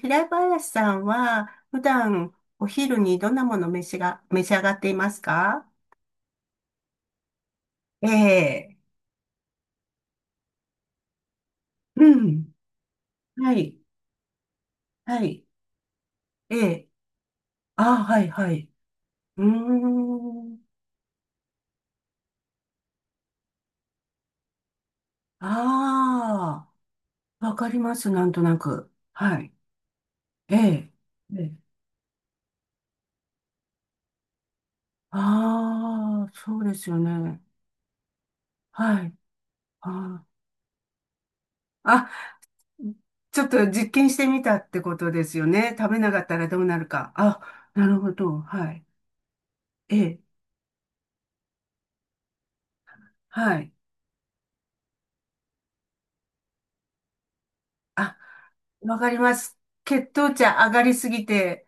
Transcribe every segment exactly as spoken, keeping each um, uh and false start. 平林さんは、普段お昼にどんなものを召しが、召し上がっていますか？ええ、うん。はい。はい。ええ。ああ、はい、はい。うーん。ああ、わかります。なんとなく。はい。ええ。ええ。ああ、そうですよね。はい。ああ、あちょっと実験してみたってことですよね。食べなかったらどうなるか。あ、なるほど。はい。ええ。はい。あ、わかります。血糖値上がりすぎて、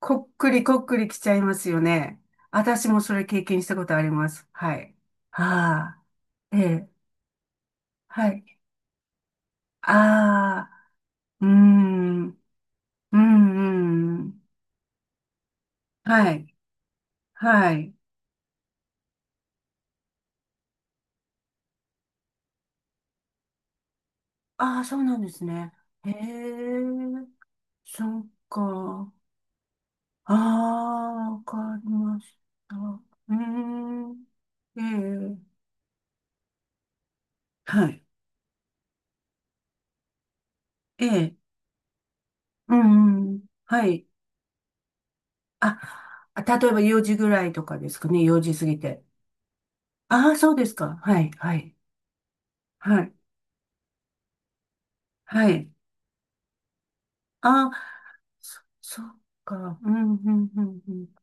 こっくりこっくりきちゃいますよね。私もそれ経験したことあります。はい。ああ、ええ、はい。ああ、うーん、うん、うん。はい、はい。ああ、そうなんですね。へえ、そっか。ああ、わかりました。うーん、ええ、はい。ええ、うん、うん、はい。あ、例えばよじぐらいとかですかね、よじ過ぎて。ああ、そうですか。はい、はい、はい、はい。ああ、そ、そっか。うん、うん、うん、うん。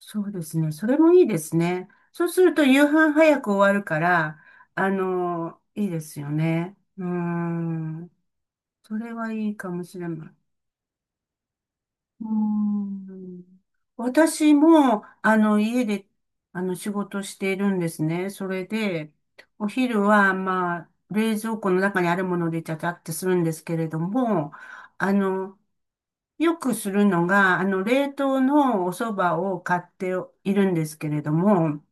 そうですね。それもいいですね。そうすると夕飯早く終わるから、あの、いいですよね。うーん。それはいいかもしれない。うーん私も、あの、家で、あの、仕事しているんですね。それで、お昼は、まあ、冷蔵庫の中にあるものでちゃちゃってするんですけれども、あの、よくするのが、あの、冷凍のお蕎麦を買っているんですけれども、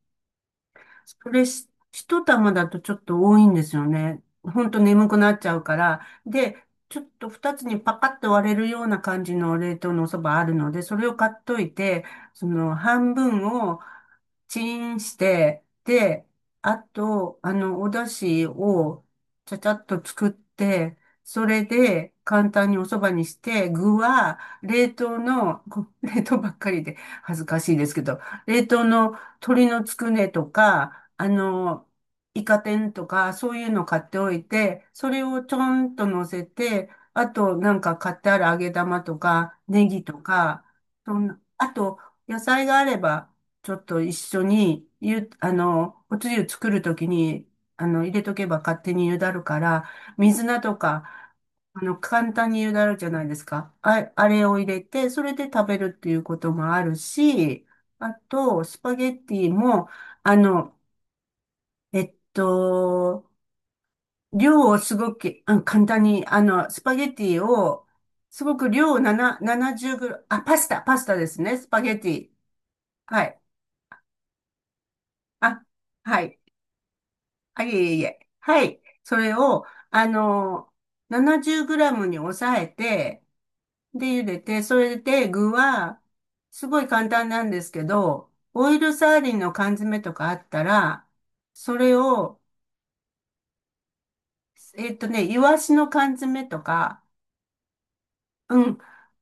それし、一玉だとちょっと多いんですよね。ほんと眠くなっちゃうから。で、ちょっと二つにパカッと割れるような感じの冷凍のお蕎麦あるので、それを買っといて、その半分をチンして、で、あと、あの、お出汁をちゃちゃっと作って、それで簡単にお蕎麦にして、具は冷凍の、こ冷凍ばっかりで恥ずかしいですけど、冷凍の鶏のつくねとか、あの、イカ天とか、そういうの買っておいて、それをちょんと乗せて、あと、なんか買ってある揚げ玉とか、ネギとか、そんな、あと、野菜があれば、ちょっと一緒に、ゆ、あの、おつゆ作るときに、あの、入れとけば勝手に茹だるから、水菜とか、あの、簡単に茹だるじゃないですか。あ、あれを入れて、それで食べるっていうこともあるし、あと、スパゲッティも、あの、えっと、量をすごく、うん、簡単に、あの、スパゲティを、すごく量をなな、ななじゅうグラ、あ、パスタ、パスタですね、スパゲティ。はい。あ、はい。あ、いえいえ。はい。それを、あの、ななじゅうグラムに抑えて、で、茹でて、それで具は、すごい簡単なんですけど、オイルサーディンの缶詰とかあったら、それを、えっとね、イワシの缶詰とか、うん。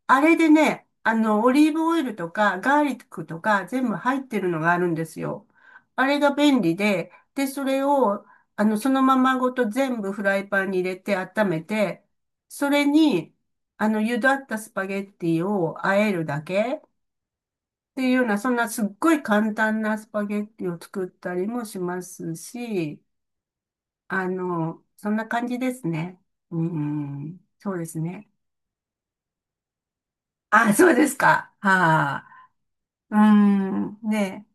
あれでね、あの、オリーブオイルとか、ガーリックとか、全部入ってるのがあるんですよ。あれが便利で、で、それを、あの、そのままごと全部フライパンに入れて温めて、それに、あの、茹だったスパゲッティを和えるだけっていうような、そんなすっごい簡単なスパゲッティを作ったりもしますし、あの、そんな感じですね。うん、そうですね。あ、そうですか。はあ。うん、ね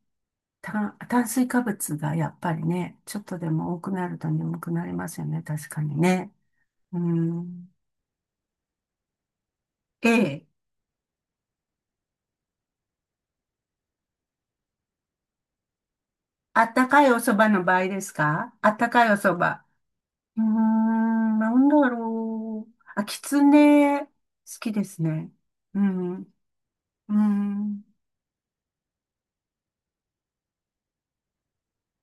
炭炭水化物がやっぱりね、ちょっとでも多くなると眠くなりますよね、確かにね。うん。ええ、あったかいお蕎麦の場合ですか？あったかいお蕎麦。うーん、なんだろう。あ、きつね、好きですね。うん、うん。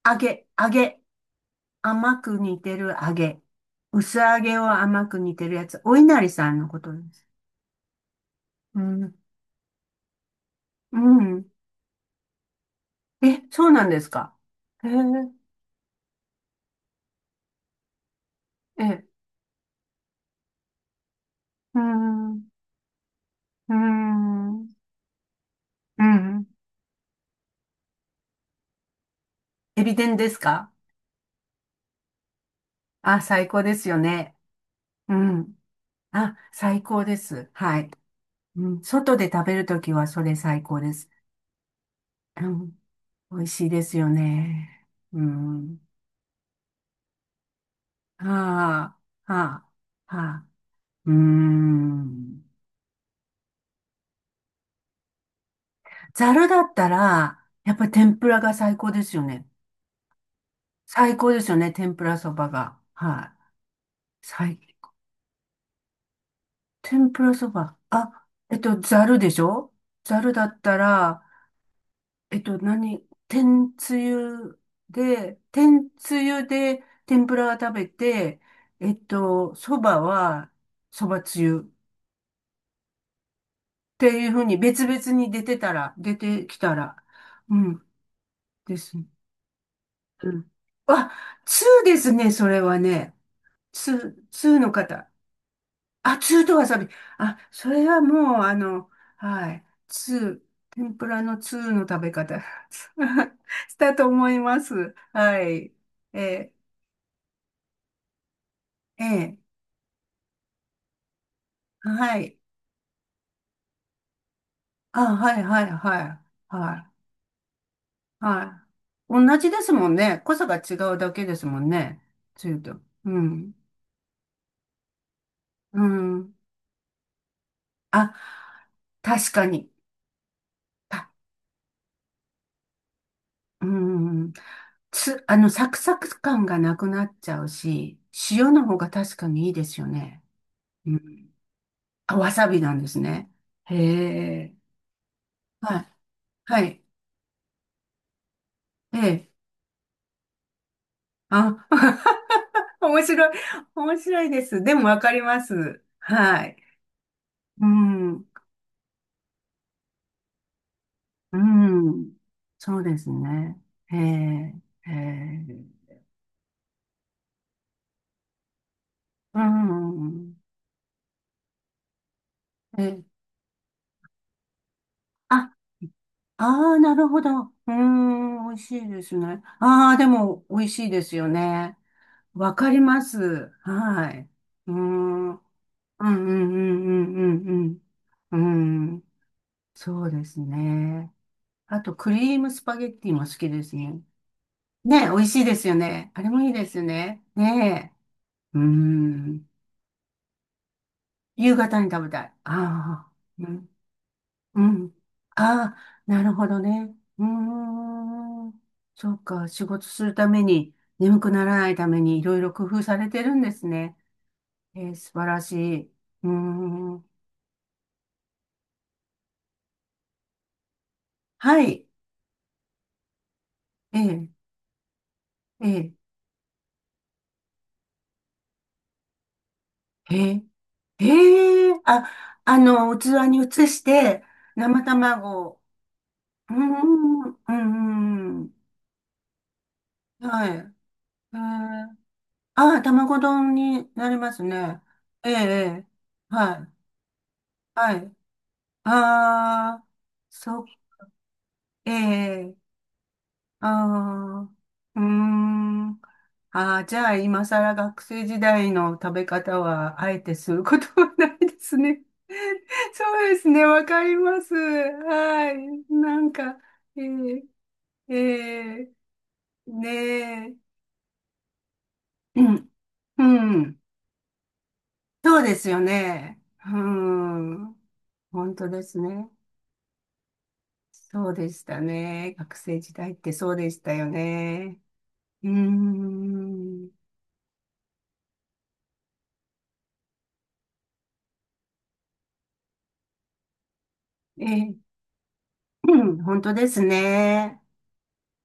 揚げ、揚げ。甘く煮てる揚げ。薄揚げを甘く煮てるやつ。お稲荷さんのことです。うん、うん。え、そうなんですか。へえ、ええ、うーん、うーん、うん。エビ天ですか？あ、最高ですよね。うん。あ、最高です。はい。うん、外で食べるときはそれ最高です。うん、美味しいですよね。うん。はあ、はあ、はあ。うーん。ざるだったら、やっぱり天ぷらが最高ですよね。最高ですよね、天ぷらそばが。はい。最天ぷらそば。あ、えっと、ざるでしょ？ざるだったら、えっと、何？天つゆで、天つゆで、天ぷらは食べて、えっと、そばはそばつゆっていうふうに別々に出てたら、出てきたら、うん、です。うん。あ、通ですね、それはね。通、通の方。あ、ツーとわさび。あ、それはもう、あの、はい。ツー、天ぷらのツーの食べ方？ したと思います。はい。えー、えー、はい。あ、はい、はい、はい、はい、はい。同じですもんね。濃さが違うだけですもんね。ツーと。うん、うん。あ、確かに。た、うん。つ、あの、サクサク感がなくなっちゃうし、塩の方が確かにいいですよね。うん。あ、わさびなんですね。へえ。はい。はい。ええ。あ、面白い。面白いです。でもわかります。はい。うん。うん。そうですね。へえ。へえ。うん。ええ。あ、ああ、なるほど。うん。美味しいですね。ああ、でも美味しいですよね。わかります。はい。うん。うんうんうんうんうんうん。うん。そうですね。あと、クリームスパゲッティも好きですね。ねえ、美味しいですよね。あれもいいですよね。ねえ。うーん。夕方に食べたい。ああ。うん。うん。ああ、なるほどね。うーん。そうか。仕事するために、眠くならないために、いろいろ工夫されてるんですね。えー素晴らしい。うーん。はい。ええ、ええ、へえ、へえ、あ、あの、器に移して、生卵を。うーん、うん、うん、うん。はい。へえ、ああ、卵丼になりますね。ええ、ええ、はい、はい。ああ、そ、ええ、ああ、うーん。ああ、じゃあ今更学生時代の食べ方はあえてすることはないですね。そうですね、わかります。はい。なんか、えー、えー、ねえ、うん、うん。そうですよね。うん。本当ですね。そうでしたね。学生時代ってそうでしたよね。うーん。ええ、うん、本当ですね。